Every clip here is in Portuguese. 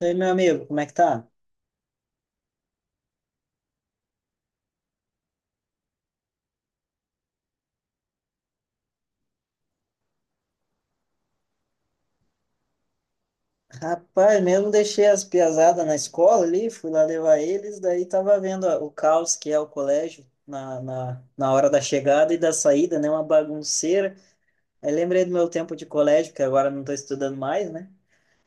E aí, meu amigo, como é que tá? Rapaz, mesmo deixei as piazadas na escola ali, fui lá levar eles, daí tava vendo ó, o caos que é o colégio na hora da chegada e da saída, né? Uma bagunceira. Aí lembrei do meu tempo de colégio, que agora não tô estudando mais, né?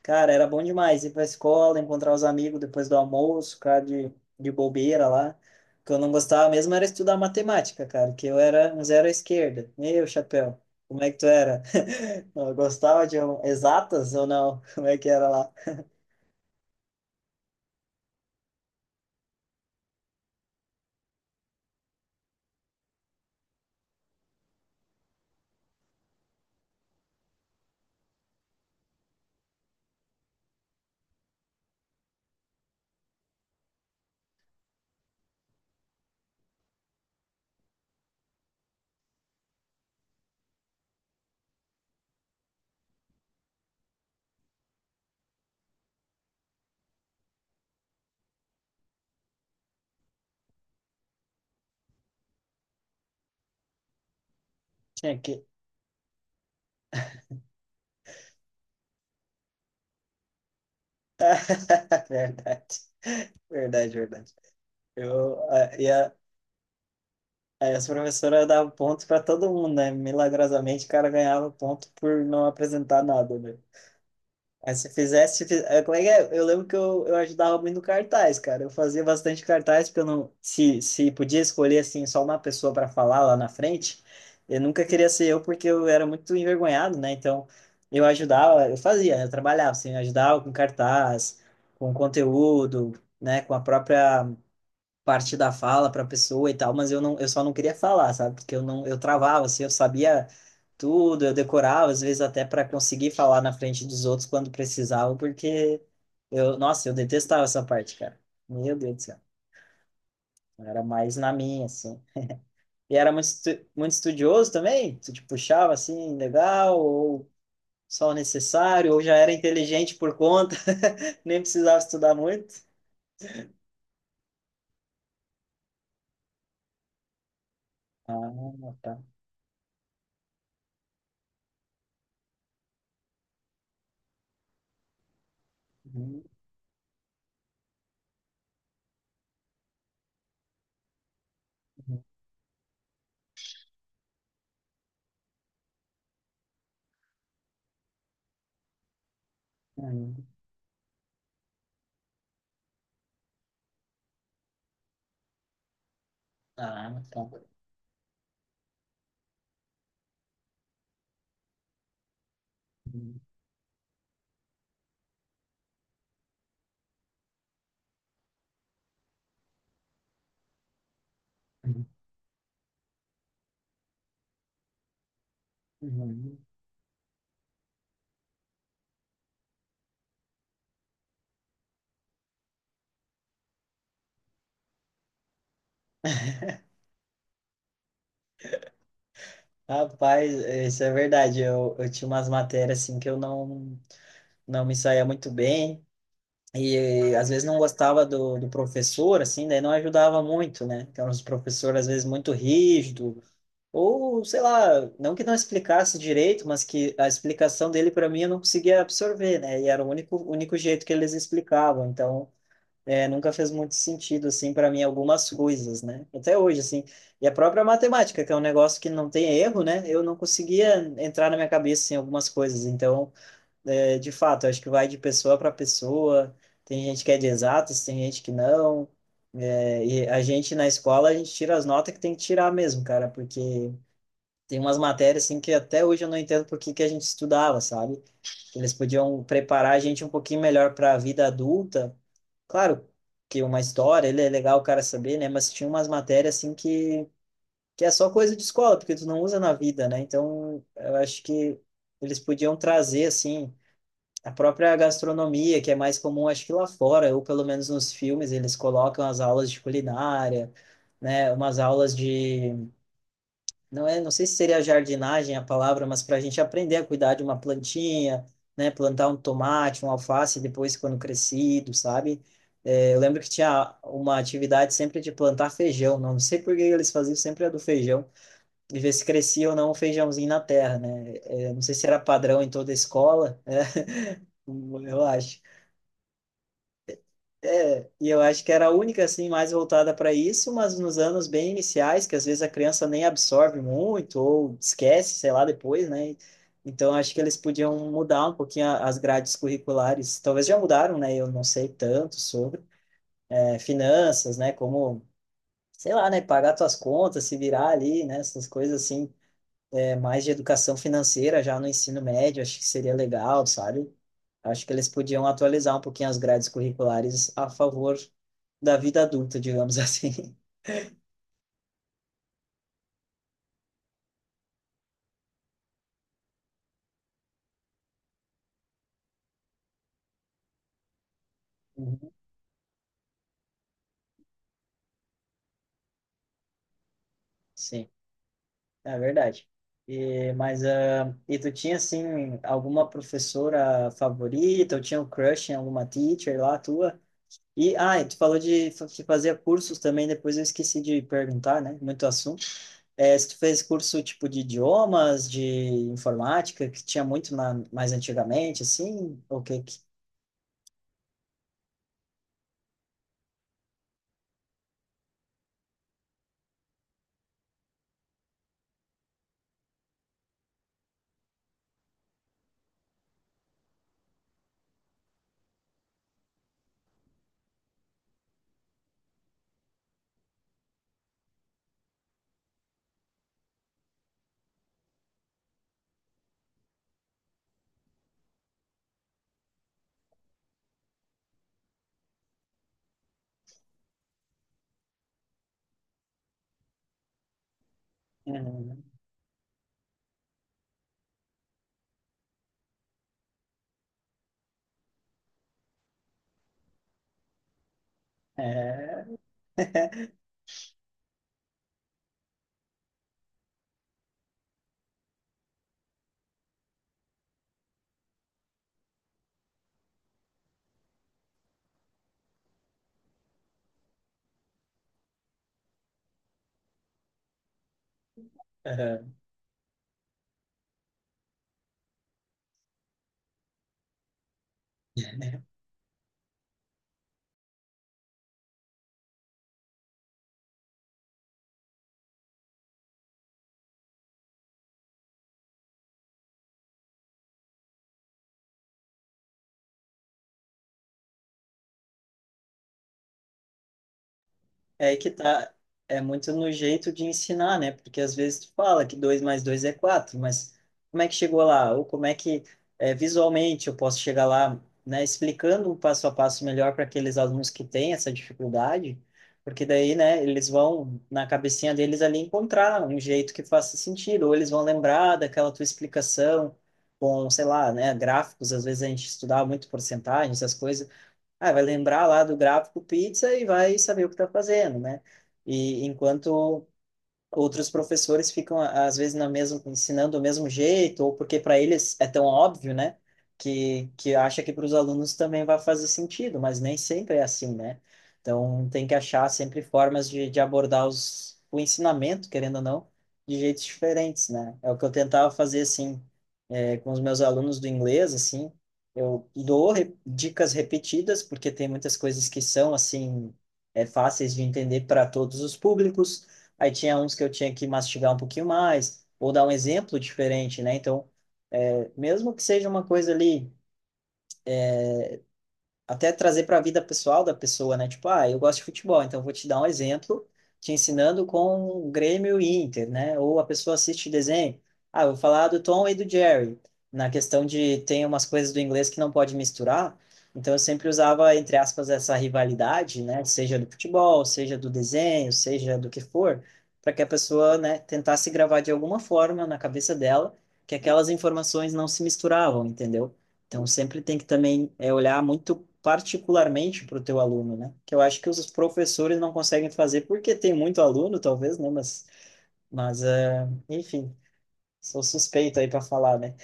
Cara, era bom demais ir pra escola, encontrar os amigos depois do almoço, ficar de bobeira lá. O que eu não gostava mesmo era estudar matemática, cara, que eu era um zero à esquerda. Meu chapéu, como é que tu era? Eu gostava de exatas ou não? Como é que era lá? Tinha que. Verdade, verdade, verdade. Eu, a, e a, aí as professoras davam pontos para todo mundo, né? Milagrosamente o cara ganhava ponto por não apresentar nada, né? Aí se fizesse, se fiz- eh, como é que é? Eu lembro que eu ajudava muito no cartaz, cara. Eu fazia bastante cartaz, porque eu não, se podia escolher assim só uma pessoa para falar lá na frente, eu nunca queria ser eu porque eu era muito envergonhado, né? Então eu ajudava, eu fazia, né? Eu trabalhava assim, eu ajudava com cartaz, com conteúdo, né? Com a própria parte da fala para a pessoa e tal, mas eu não, eu só não queria falar, sabe? Porque eu não, eu travava, assim, eu sabia tudo, eu decorava, às vezes até para conseguir falar na frente dos outros quando precisava, porque eu, nossa, eu detestava essa parte, cara. Meu Deus do céu. Eu era mais na minha, assim. E era muito, muito estudioso também? Tu te puxava assim, legal, ou só o necessário, ou já era inteligente por conta, nem precisava estudar muito? Ah, tá. Uhum, uhum, uhum. Ah, tá. Uhum. Uhum. Rapaz, isso é verdade. Eu tinha umas matérias assim que eu não, não me saía muito bem. E às vezes não gostava do, do professor, assim, daí não ajudava muito, né? Então, os professores às vezes muito rígido, ou sei lá, não que não explicasse direito, mas que a explicação dele para mim eu não conseguia absorver, né? E era o único jeito que eles explicavam. Então, é, nunca fez muito sentido, assim, para mim, algumas coisas, né? Até hoje, assim. E a própria matemática, que é um negócio que não tem erro, né? Eu não conseguia entrar na minha cabeça, em algumas coisas. Então, é, de fato, acho que vai de pessoa para pessoa. Tem gente que é de exatas, tem gente que não. É, e a gente, na escola, a gente tira as notas que tem que tirar mesmo, cara, porque tem umas matérias, assim, que até hoje eu não entendo por que que a gente estudava, sabe? Eles podiam preparar a gente um pouquinho melhor para a vida adulta. Claro que uma história, ele é legal o cara saber, né? Mas tinha umas matérias assim que é só coisa de escola, porque tu não usa na vida, né? Então, eu acho que eles podiam trazer assim a própria gastronomia, que é mais comum acho que lá fora, ou pelo menos nos filmes, eles colocam as aulas de culinária, né? Umas aulas de não é, não sei se seria jardinagem a palavra, mas para a gente aprender a cuidar de uma plantinha, né, plantar um tomate, um alface depois quando crescido, sabe? É, eu lembro que tinha uma atividade sempre de plantar feijão, não sei por que eles faziam sempre a do feijão, e ver se crescia ou não o feijãozinho na terra, né? É, não sei se era padrão em toda a escola, né? Eu acho. É, e eu acho que era a única assim mais voltada para isso, mas nos anos bem iniciais, que às vezes a criança nem absorve muito ou esquece, sei lá, depois, né? Então acho que eles podiam mudar um pouquinho as grades curriculares. Talvez já mudaram, né? Eu não sei tanto sobre é, finanças, né? Como, sei lá, né? Pagar tuas contas, se virar ali, né? Essas coisas assim é, mais de educação financeira já no ensino médio, acho que seria legal, sabe? Acho que eles podiam atualizar um pouquinho as grades curriculares a favor da vida adulta, digamos assim. Uhum. Sim, é verdade. E, mas, ah, e tu tinha, assim, alguma professora favorita? Ou tinha um crush em alguma teacher lá tua? E, ah, e tu falou de que fazia cursos também, depois eu esqueci de perguntar, né? Muito assunto. É, se tu fez curso tipo de idiomas, de informática, que tinha muito na, mais antigamente, assim, o que que... Uhum. É. Aham. É aí que tá, é muito no jeito de ensinar, né? Porque às vezes tu fala que 2 mais 2 é 4 mas como é que chegou lá? Ou como é que é, visualmente eu posso chegar lá, né? Explicando o passo a passo melhor para aqueles alunos que têm essa dificuldade, porque daí, né, eles vão, na cabecinha deles ali, encontrar um jeito que faça sentido, ou eles vão lembrar daquela tua explicação com, sei lá, né, gráficos, às vezes a gente estudava muito porcentagens, essas coisas, ah, vai lembrar lá do gráfico pizza e vai saber o que está fazendo, né? E enquanto outros professores ficam às vezes na mesma ensinando do mesmo jeito ou porque para eles é tão óbvio, né? Que acha que para os alunos também vai fazer sentido, mas nem sempre é assim, né? Então tem que achar sempre formas de abordar os, o ensinamento, querendo ou não, de jeitos diferentes, né? É o que eu tentava fazer assim é, com os meus alunos do inglês, assim. Eu dou dicas repetidas porque tem muitas coisas que são assim é, fáceis de entender para todos os públicos. Aí tinha uns que eu tinha que mastigar um pouquinho mais, ou dar um exemplo diferente, né? Então, é, mesmo que seja uma coisa ali até trazer para a vida pessoal da pessoa, né? Tipo, ah, eu gosto de futebol, então vou te dar um exemplo, te ensinando com o Grêmio e Inter, né? Ou a pessoa assiste desenho, ah, eu vou falar do Tom e do Jerry, na questão de tem umas coisas do inglês que não pode misturar, então eu sempre usava, entre aspas, essa rivalidade, né? Seja do futebol, seja do desenho, seja do que for, para que a pessoa, né, tentasse gravar de alguma forma na cabeça dela que aquelas informações não se misturavam, entendeu? Então, sempre tem que também é, olhar muito particularmente para o teu aluno, né? Que eu acho que os professores não conseguem fazer, porque tem muito aluno, talvez, né? Mas é, enfim, sou suspeito aí para falar, né?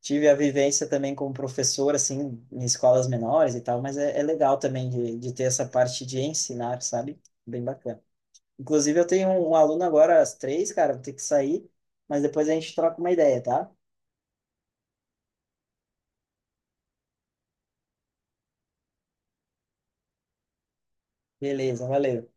Tive a vivência também como professor, assim, em escolas menores e tal, mas é, é legal também de ter essa parte de ensinar, sabe? Bem bacana. Inclusive, eu tenho um, um aluno agora às 3, cara, vou ter que sair, mas depois a gente troca uma ideia, tá? Beleza, valeu.